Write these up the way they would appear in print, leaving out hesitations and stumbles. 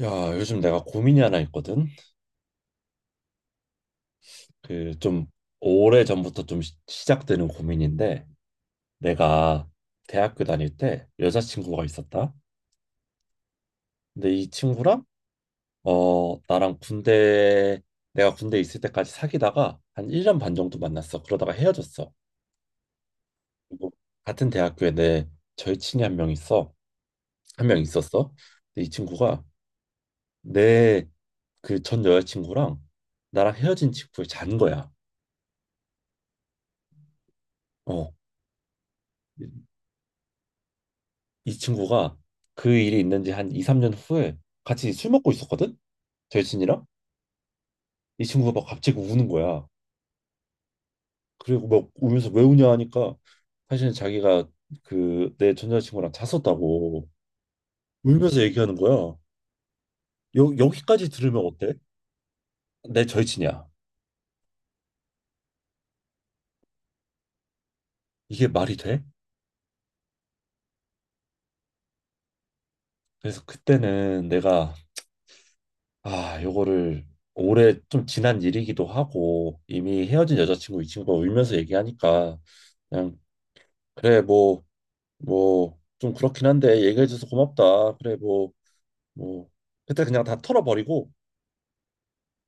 야, 요즘 내가 고민이 하나 있거든. 그 좀 오래 전부터 좀 시작되는 고민인데, 내가 대학교 다닐 때 여자친구가 있었다. 근데 이 친구랑 어 나랑 군대 내가 군대 있을 때까지 사귀다가 한 1년 반 정도 만났어. 그러다가 헤어졌어. 그리고 같은 대학교에 내 절친이 한 명 있어. 한 명 있었어. 근데 이 친구가 내 그 전 여자친구랑 나랑 헤어진 친구를 잔 거야. 어. 이 친구가 그 일이 있는 지 한 2, 3년 후에 같이 술 먹고 있었거든? 절친이랑? 이 친구가 막 갑자기 우는 거야. 그리고 막 울면서 왜 우냐 하니까 사실은 자기가 그 내 전 여자친구랑 잤었다고 울면서 얘기하는 거야. 여기까지 들으면 어때? 내 절친이야. 이게 말이 돼? 그래서 그때는 내가 아, 요거를 오래 좀 지난 일이기도 하고 이미 헤어진 여자친구 이 친구가 울면서 얘기하니까 그냥 그래 뭐 뭐 좀 그렇긴 한데 얘기해줘서 고맙다. 그래 뭐 뭐 그때 그냥 다 털어버리고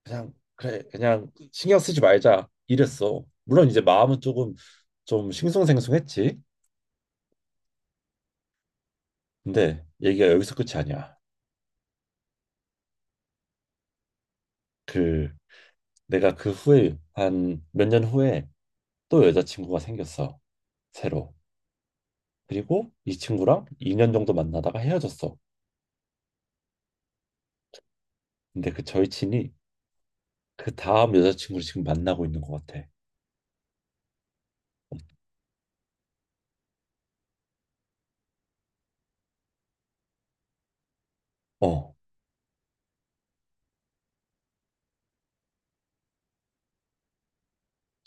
그냥 그래 그냥 신경 쓰지 말자 이랬어. 물론 이제 마음은 조금 좀 싱숭생숭했지. 근데 얘기가 여기서 끝이 아니야. 그 내가 그 후에 한 몇 년 후에 또 여자친구가 생겼어 새로. 그리고 이 친구랑 2년 정도 만나다가 헤어졌어. 근데 그 절친이 그 다음 여자친구를 지금 만나고 있는 것 같아. 어.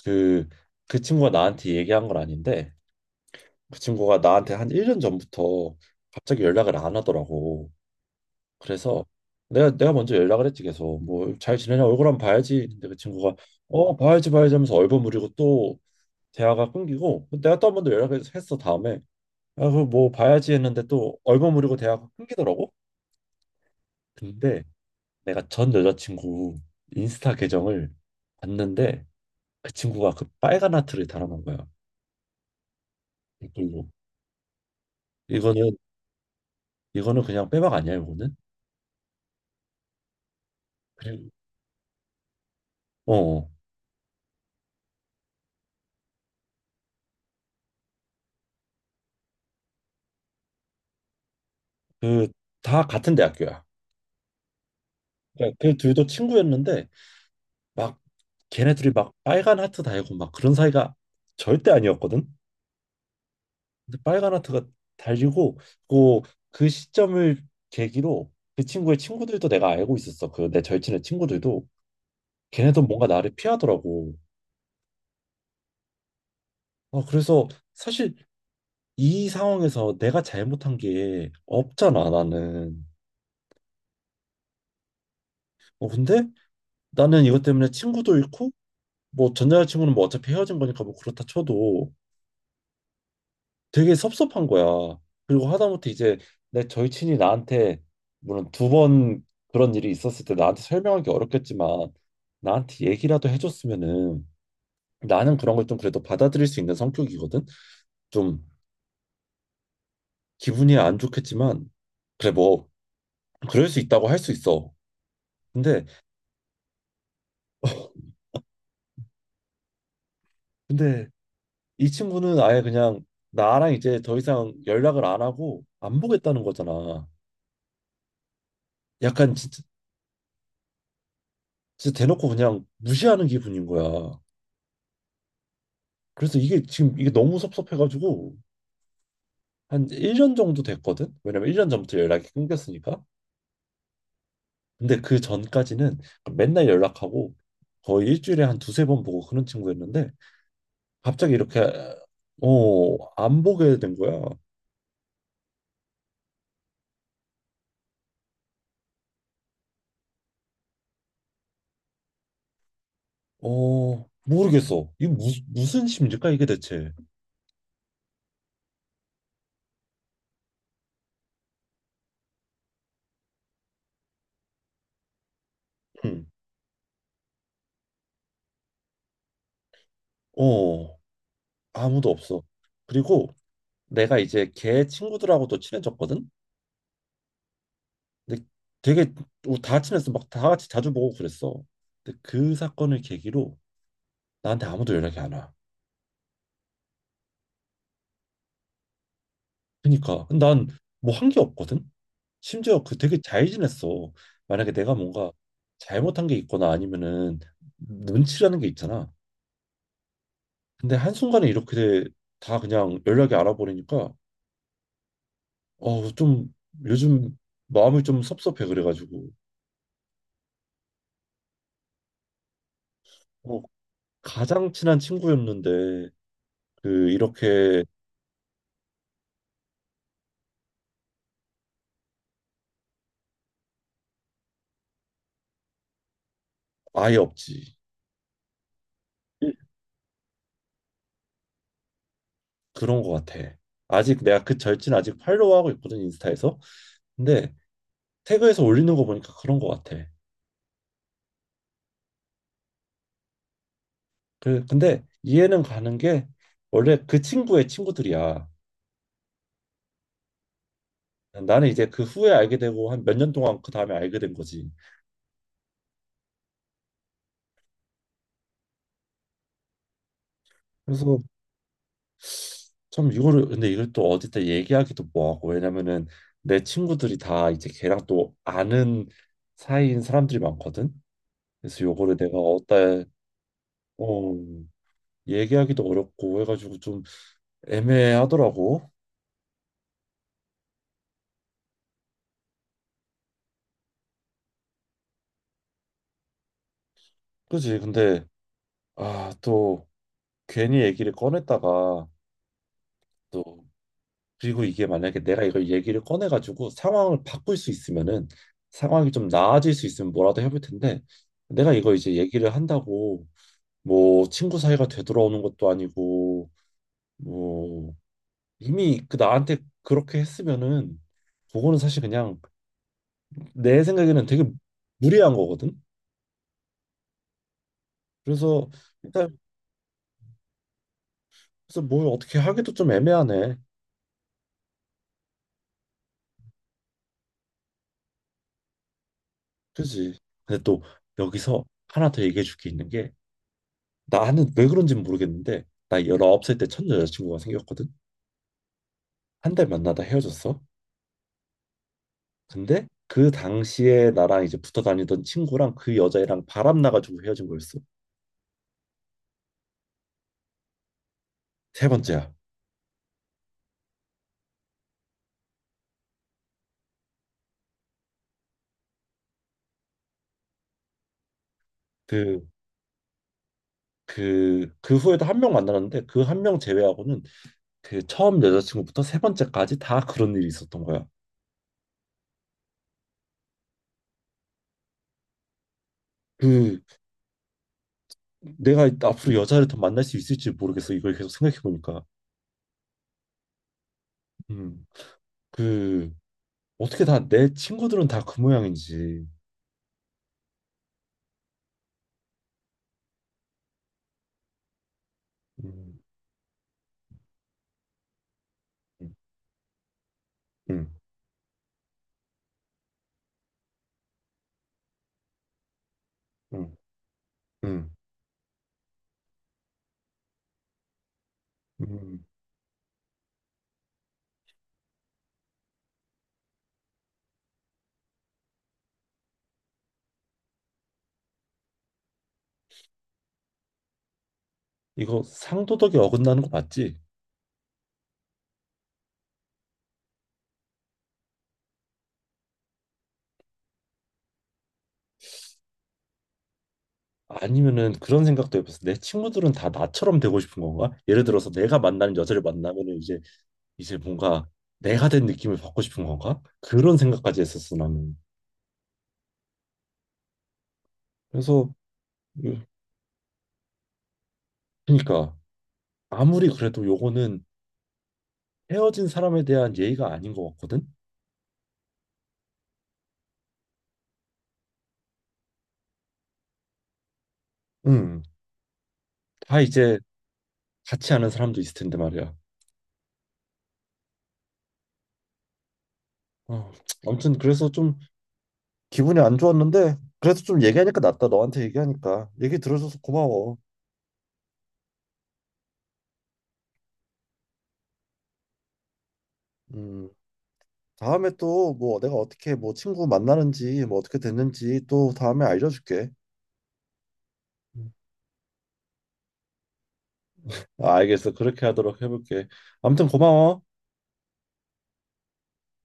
그, 그 친구가 나한테 얘기한 건 아닌데 그 친구가 나한테 한 1년 전부터 갑자기 연락을 안 하더라고. 그래서 내가 내가 먼저 연락을 했지 계속 뭐 잘 지내냐 얼굴 한번 봐야지. 근데 그 친구가 어 봐야지 봐야지 하면서 얼버무리고 또 대화가 끊기고 그 내가 또 한 번 더 연락을 했어 다음에 아 그 뭐 봐야지 했는데 또 얼버무리고 대화가 끊기더라고. 근데 내가 전 여자친구 인스타 계정을 봤는데 그 친구가 그 빨간 하트를 달아놓은 거야. 댓글로. 이거는 이거는 그냥 빼박 아니야, 이거는? 그리고 어, 어. 그 다 같은 대학교야. 그러니까 그 둘도 친구였는데 막 걔네들이 막 빨간 하트 달고 막 그런 사이가 절대 아니었거든. 근데 빨간 하트가 달리고 그, 그 시점을 계기로 그 친구의 친구들도 내가 알고 있었어. 그 내 절친의 친구들도 걔네도 뭔가 나를 피하더라고. 어, 그래서 사실 이 상황에서 내가 잘못한 게 없잖아, 나는. 어, 근데 나는 이것 때문에 친구도 잃고 뭐 전 여자친구는 뭐 어차피 헤어진 거니까 뭐 그렇다 쳐도 되게 섭섭한 거야. 그리고 하다못해 이제 내 절친이 나한테 물론 두 번 그런 일이 있었을 때 나한테 설명하기 어렵겠지만 나한테 얘기라도 해줬으면은 나는 그런 걸 좀 그래도 받아들일 수 있는 성격이거든. 좀 기분이 안 좋겠지만 그래 뭐 그럴 수 있다고 할 수 있어. 근데 근데 이 친구는 아예 그냥 나랑 이제 더 이상 연락을 안 하고 안 보겠다는 거잖아. 약간 진짜 진짜 대놓고 그냥 무시하는 기분인 거야. 그래서 이게 지금 이게 너무 섭섭해가지고 한 1년 정도 됐거든? 왜냐면 1년 전부터 연락이 끊겼으니까. 근데 그 전까지는 맨날 연락하고 거의 일주일에 한 두세 번 보고 그런 친구였는데 갑자기 이렇게 어, 안 보게 된 거야. 어, 모르겠어. 이게 무슨 심리일까 이게 대체. 응. 어, 아무도 없어. 그리고 내가 이제 걔 친구들하고도 친해졌거든? 근데 되게 우다 친했어 막 다 같이 자주 보고 그랬어. 근데 그 사건을 계기로 나한테 아무도 연락이 안 와. 그러니까 난 뭐 한 게 없거든. 심지어 그 되게 잘 지냈어. 만약에 내가 뭔가 잘못한 게 있거나 아니면은 눈치라는 게 있잖아. 근데 한순간에 이렇게 다 그냥 연락이 알아버리니까 좀 요즘 마음이 좀 섭섭해 그래가지고 어, 가장 친한 친구였는데 그 이렇게 아예 없지. 그런 것 같아. 아직 내가 그 절친 아직 팔로우하고 있거든 인스타에서. 근데 태그에서 올리는 거 보니까 그런 것 같아. 그 근데 이해는 가는 게 원래 그 친구의 친구들이야. 나는 이제 그 후에 알게 되고 한 몇 년 동안 그 다음에 알게 된 거지. 그래서 참 이거를 근데 이걸 또 어디다 얘기하기도 뭐하고 왜냐면은 내 친구들이 다 이제 걔랑 또 아는 사이인 사람들이 많거든. 그래서 요거를 내가 어디다 어 얘기하기도 어렵고 해가지고 좀 애매하더라고. 그지? 근데 아, 또 괜히 얘기를 꺼냈다가 또 그리고 이게 만약에 내가 이걸 얘기를 꺼내가지고 상황을 바꿀 수 있으면은 상황이 좀 나아질 수 있으면 뭐라도 해볼 텐데 내가 이거 이제 얘기를 한다고 뭐 친구 사이가 되돌아오는 것도 아니고 뭐 이미 그 나한테 그렇게 했으면은 그거는 사실 그냥 내 생각에는 되게 무리한 거거든. 그래서 일단 그래서 뭘 어떻게 하기도 좀 애매하네. 그지. 근데 또 여기서 하나 더 얘기해 줄 게 있는 게 나는 왜 그런지는 모르겠는데 나 19살 때 첫 여자친구가 생겼거든. 한 달 만나다 헤어졌어. 근데 그 당시에 나랑 이제 붙어 다니던 친구랑 그 여자애랑 바람 나가지고 헤어진 거였어. 세 번째야. 그 그 후에도 한 명 만나는데 그 한 명 제외하고는 그 처음 여자친구부터 세 번째까지 다 그런 일이 있었던 거야. 그 내가 앞으로 여자를 더 만날 수 있을지 모르겠어. 이걸 계속 생각해 보니까. 음. 그 어떻게 다 내 친구들은 다 그 모양인지. 음, 음, 음, 음, 음. 음. 이거 상도덕이 어긋나는 거 맞지? 아니면은 그런 생각도 해봤어. 내 친구들은 다 나처럼 되고 싶은 건가? 예를 들어서 내가 만나는 여자를 만나면은 이제 이제 뭔가 내가 된 느낌을 받고 싶은 건가? 그런 생각까지 했었어 나는. 그래서 음, 그러니까 아무리 그래도 요거는 헤어진 사람에 대한 예의가 아닌 것 같거든. 음, 다 이제 같이 아는 사람도 있을 텐데 말이야. 어, 아무튼 그래서 좀 기분이 안 좋았는데 그래서 좀 얘기하니까 낫다. 너한테 얘기하니까 얘기 들어줘서 고마워. 음, 다음에 또 뭐 내가 어떻게 뭐 친구 만나는지 뭐 어떻게 됐는지 또 다음에 알려줄게. 음. 아, 알겠어. 그렇게 하도록 해볼게. 아무튼 고마워.